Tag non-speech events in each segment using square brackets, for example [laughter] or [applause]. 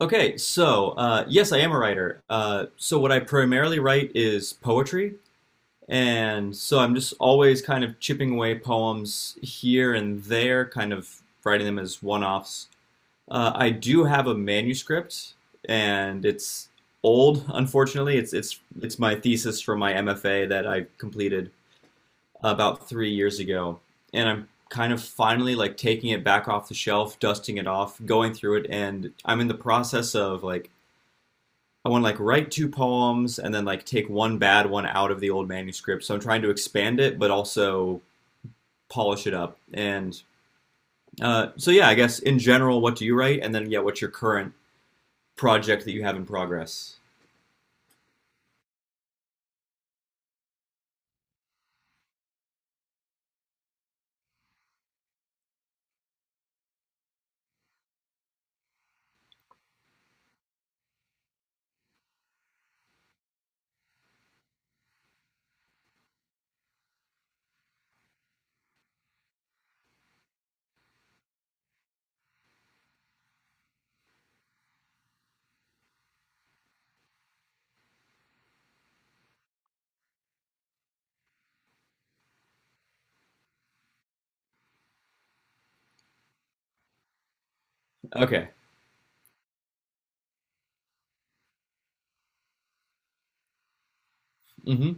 Okay, so yes, I am a writer. So what I primarily write is poetry, and so I'm just always kind of chipping away poems here and there, kind of writing them as one-offs. I do have a manuscript, and it's old, unfortunately. It's my thesis for my MFA that I completed about 3 years ago, and I'm kind of finally like taking it back off the shelf, dusting it off, going through it, and I'm in the process of like I want to like write two poems and then like take one bad one out of the old manuscript. So I'm trying to expand it, but also polish it up. And so yeah, I guess in general, what do you write? And then yeah, what's your current project that you have in progress? Okay. Hmm.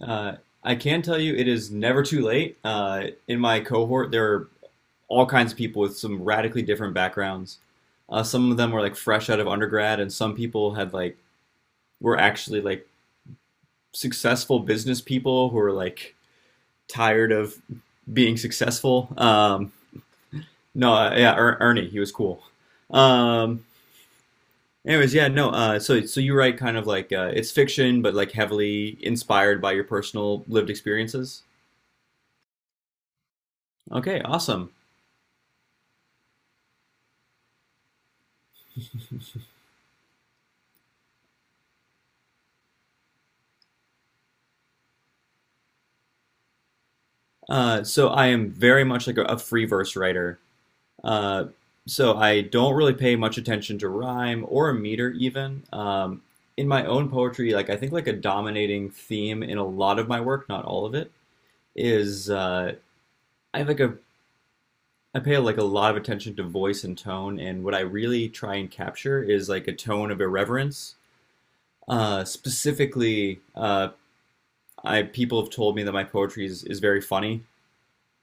Uh, I can tell you it is never too late. In my cohort, there are all kinds of people with some radically different backgrounds. Some of them were like fresh out of undergrad, and some people had like were actually like successful business people who were like tired of being successful. No, yeah, Ernie, he was cool. Um, Anyways, yeah, no. So you write kind of like it's fiction, but like heavily inspired by your personal lived experiences. Okay, awesome. So I am very much like a free verse writer. Uh, so I don't really pay much attention to rhyme or meter even. In my own poetry, like I think like a dominating theme in a lot of my work, not all of it, is I have like a I pay like a lot of attention to voice and tone, and what I really try and capture is like a tone of irreverence. Specifically, I people have told me that my poetry is very funny,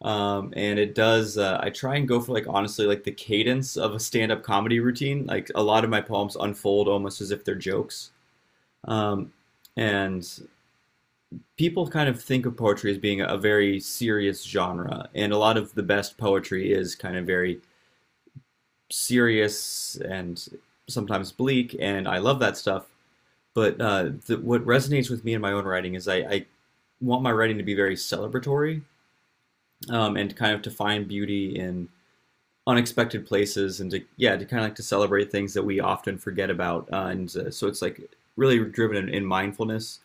and it does. I try and go for like honestly like the cadence of a stand-up comedy routine. Like a lot of my poems unfold almost as if they're jokes, um, and people kind of think of poetry as being a very serious genre, and a lot of the best poetry is kind of very serious and sometimes bleak, and I love that stuff. But the, what resonates with me in my own writing is I want my writing to be very celebratory and kind of to find beauty in unexpected places and to yeah to kind of like to celebrate things that we often forget about and so it's like really driven in mindfulness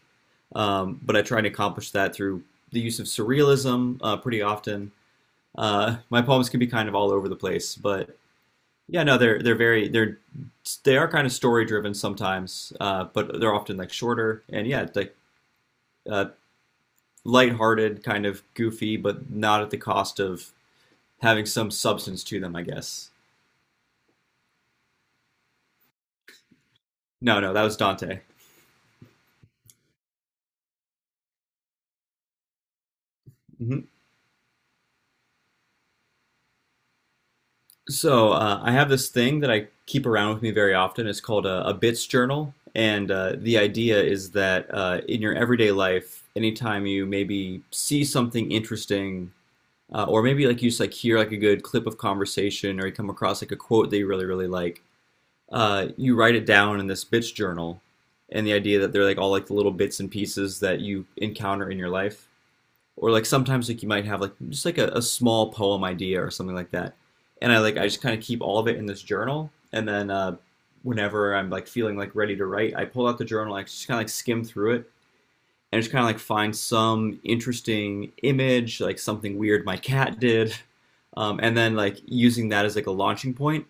but I try to accomplish that through the use of surrealism pretty often my poems can be kind of all over the place but yeah, no, they're very they are kind of story driven sometimes, but they're often like shorter and yeah, like uh, lighthearted, kind of goofy, but not at the cost of having some substance to them, I guess. No, no, that was Dante. Hmm. So I have this thing that I keep around with me very often. It's called a bits journal, and the idea is that in your everyday life, anytime you maybe see something interesting or maybe like you just like hear like a good clip of conversation or you come across like a quote that you really really like you write it down in this bits journal and the idea that they're like all like the little bits and pieces that you encounter in your life or like sometimes like you might have like just like a small poem idea or something like that and I just kind of keep all of it in this journal and then whenever I'm like feeling like ready to write I pull out the journal I just kind of like skim through it and just kind of like find some interesting image, like something weird my cat did, and then like using that as like a launching point,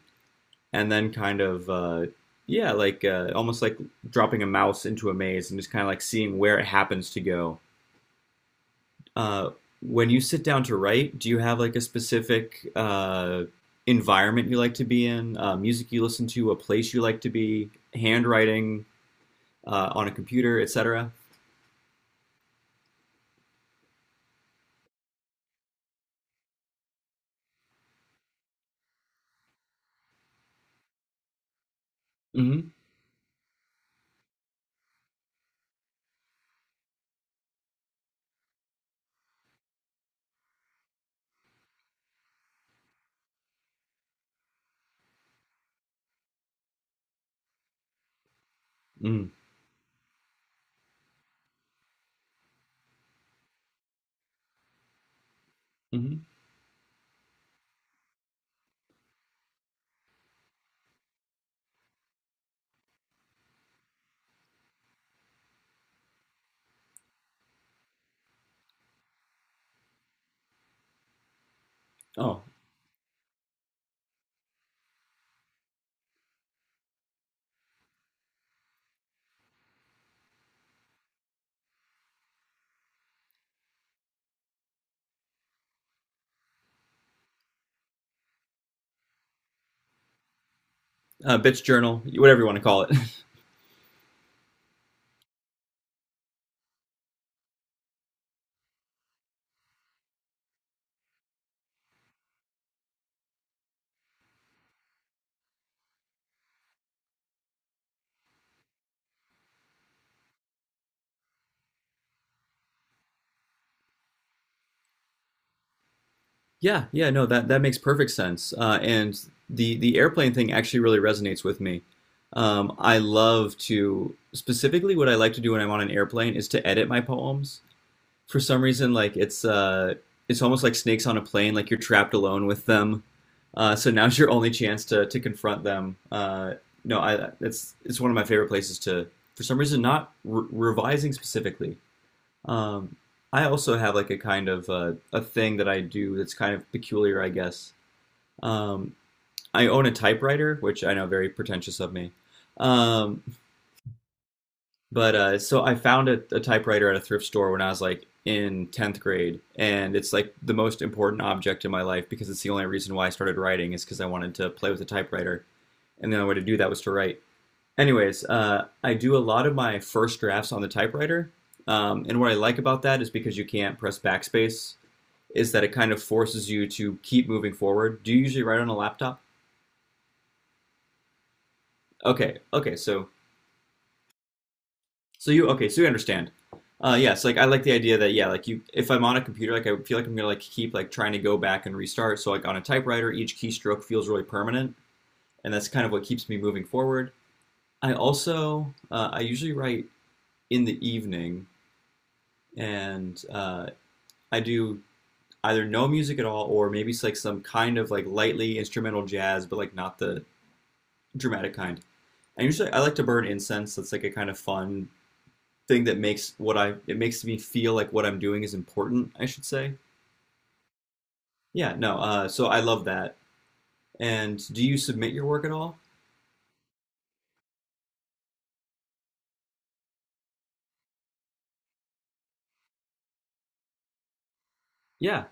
and then kind of yeah, like almost like dropping a mouse into a maze and just kind of like seeing where it happens to go. Uh, when you sit down to write, do you have like a specific environment you like to be in, music you listen to, a place you like to be, handwriting on a computer, etc.? Mm-hmm. Mm-hmm. Oh, bitch journal, whatever you want to call it. [laughs] Yeah, yeah, no, that makes perfect sense. And the airplane thing actually really resonates with me. I love to specifically what I like to do when I'm on an airplane is to edit my poems. For some reason, like it's almost like snakes on a plane, like you're trapped alone with them. So now's your only chance to confront them. No, I it's one of my favorite places to. For some reason, not revising specifically. Um, I also have like a kind of a thing that I do that's kind of peculiar, I guess. Um, I own a typewriter, which I know very pretentious of me. Um, but so I found a typewriter at a thrift store when I was like in 10th grade, and it's like the most important object in my life because it's the only reason why I started writing is because I wanted to play with a typewriter, and the only way to do that was to write. Anyways, I do a lot of my first drafts on the typewriter, and what I like about that is because you can't press backspace is that it kind of forces you to keep moving forward. Do you usually write on a laptop? Okay, okay, so so you okay, so you understand. Yes, like I like the idea that yeah, like you, if I'm on a computer, like I feel like I'm gonna like keep like trying to go back and restart. So like on a typewriter, each keystroke feels really permanent, and that's kind of what keeps me moving forward. I also I usually write in the evening, and I do either no music at all or maybe it's like some kind of like lightly instrumental jazz, but like not the dramatic kind. I like to burn incense. That's like a kind of fun thing that makes what I it makes me feel like what I'm doing is important, I should say. Yeah, no. So I love that. And do you submit your work at all? Yeah.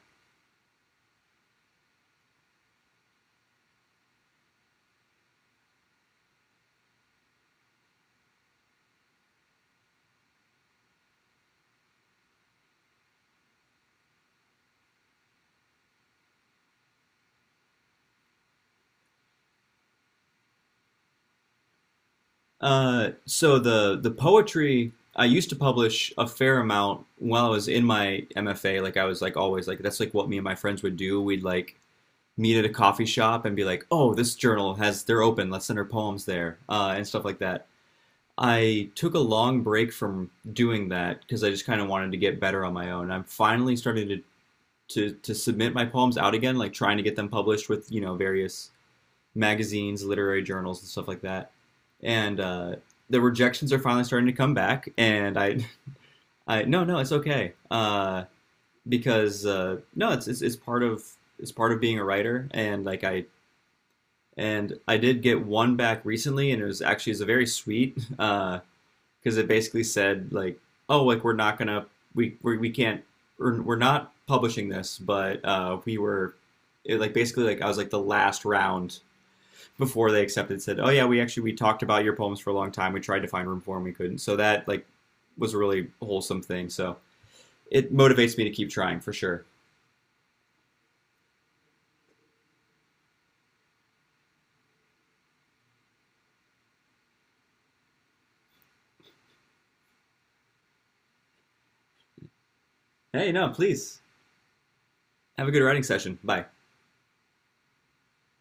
So the poetry I used to publish a fair amount while I was in my MFA. Like I was like always like that's like what me and my friends would do. We'd like meet at a coffee shop and be like, oh, this journal has they're open. Let's send our poems there, and stuff like that. I took a long break from doing that because I just kind of wanted to get better on my own. I'm finally starting to submit my poems out again, like trying to get them published with various magazines, literary journals, and stuff like that. And the rejections are finally starting to come back. And I no, no, it's okay, because no, it's part of being a writer. And like I and I did get one back recently, and it was actually it's a very sweet. Because it basically said like, oh, like we're not gonna we can't we're not publishing this, but we were it, like basically like I was like the last round before they accepted said, oh yeah, we talked about your poems for a long time. We tried to find room for them, we couldn't. So that like was a really wholesome thing. So it motivates me to keep trying for sure. Hey, no, please have a good writing session. Bye.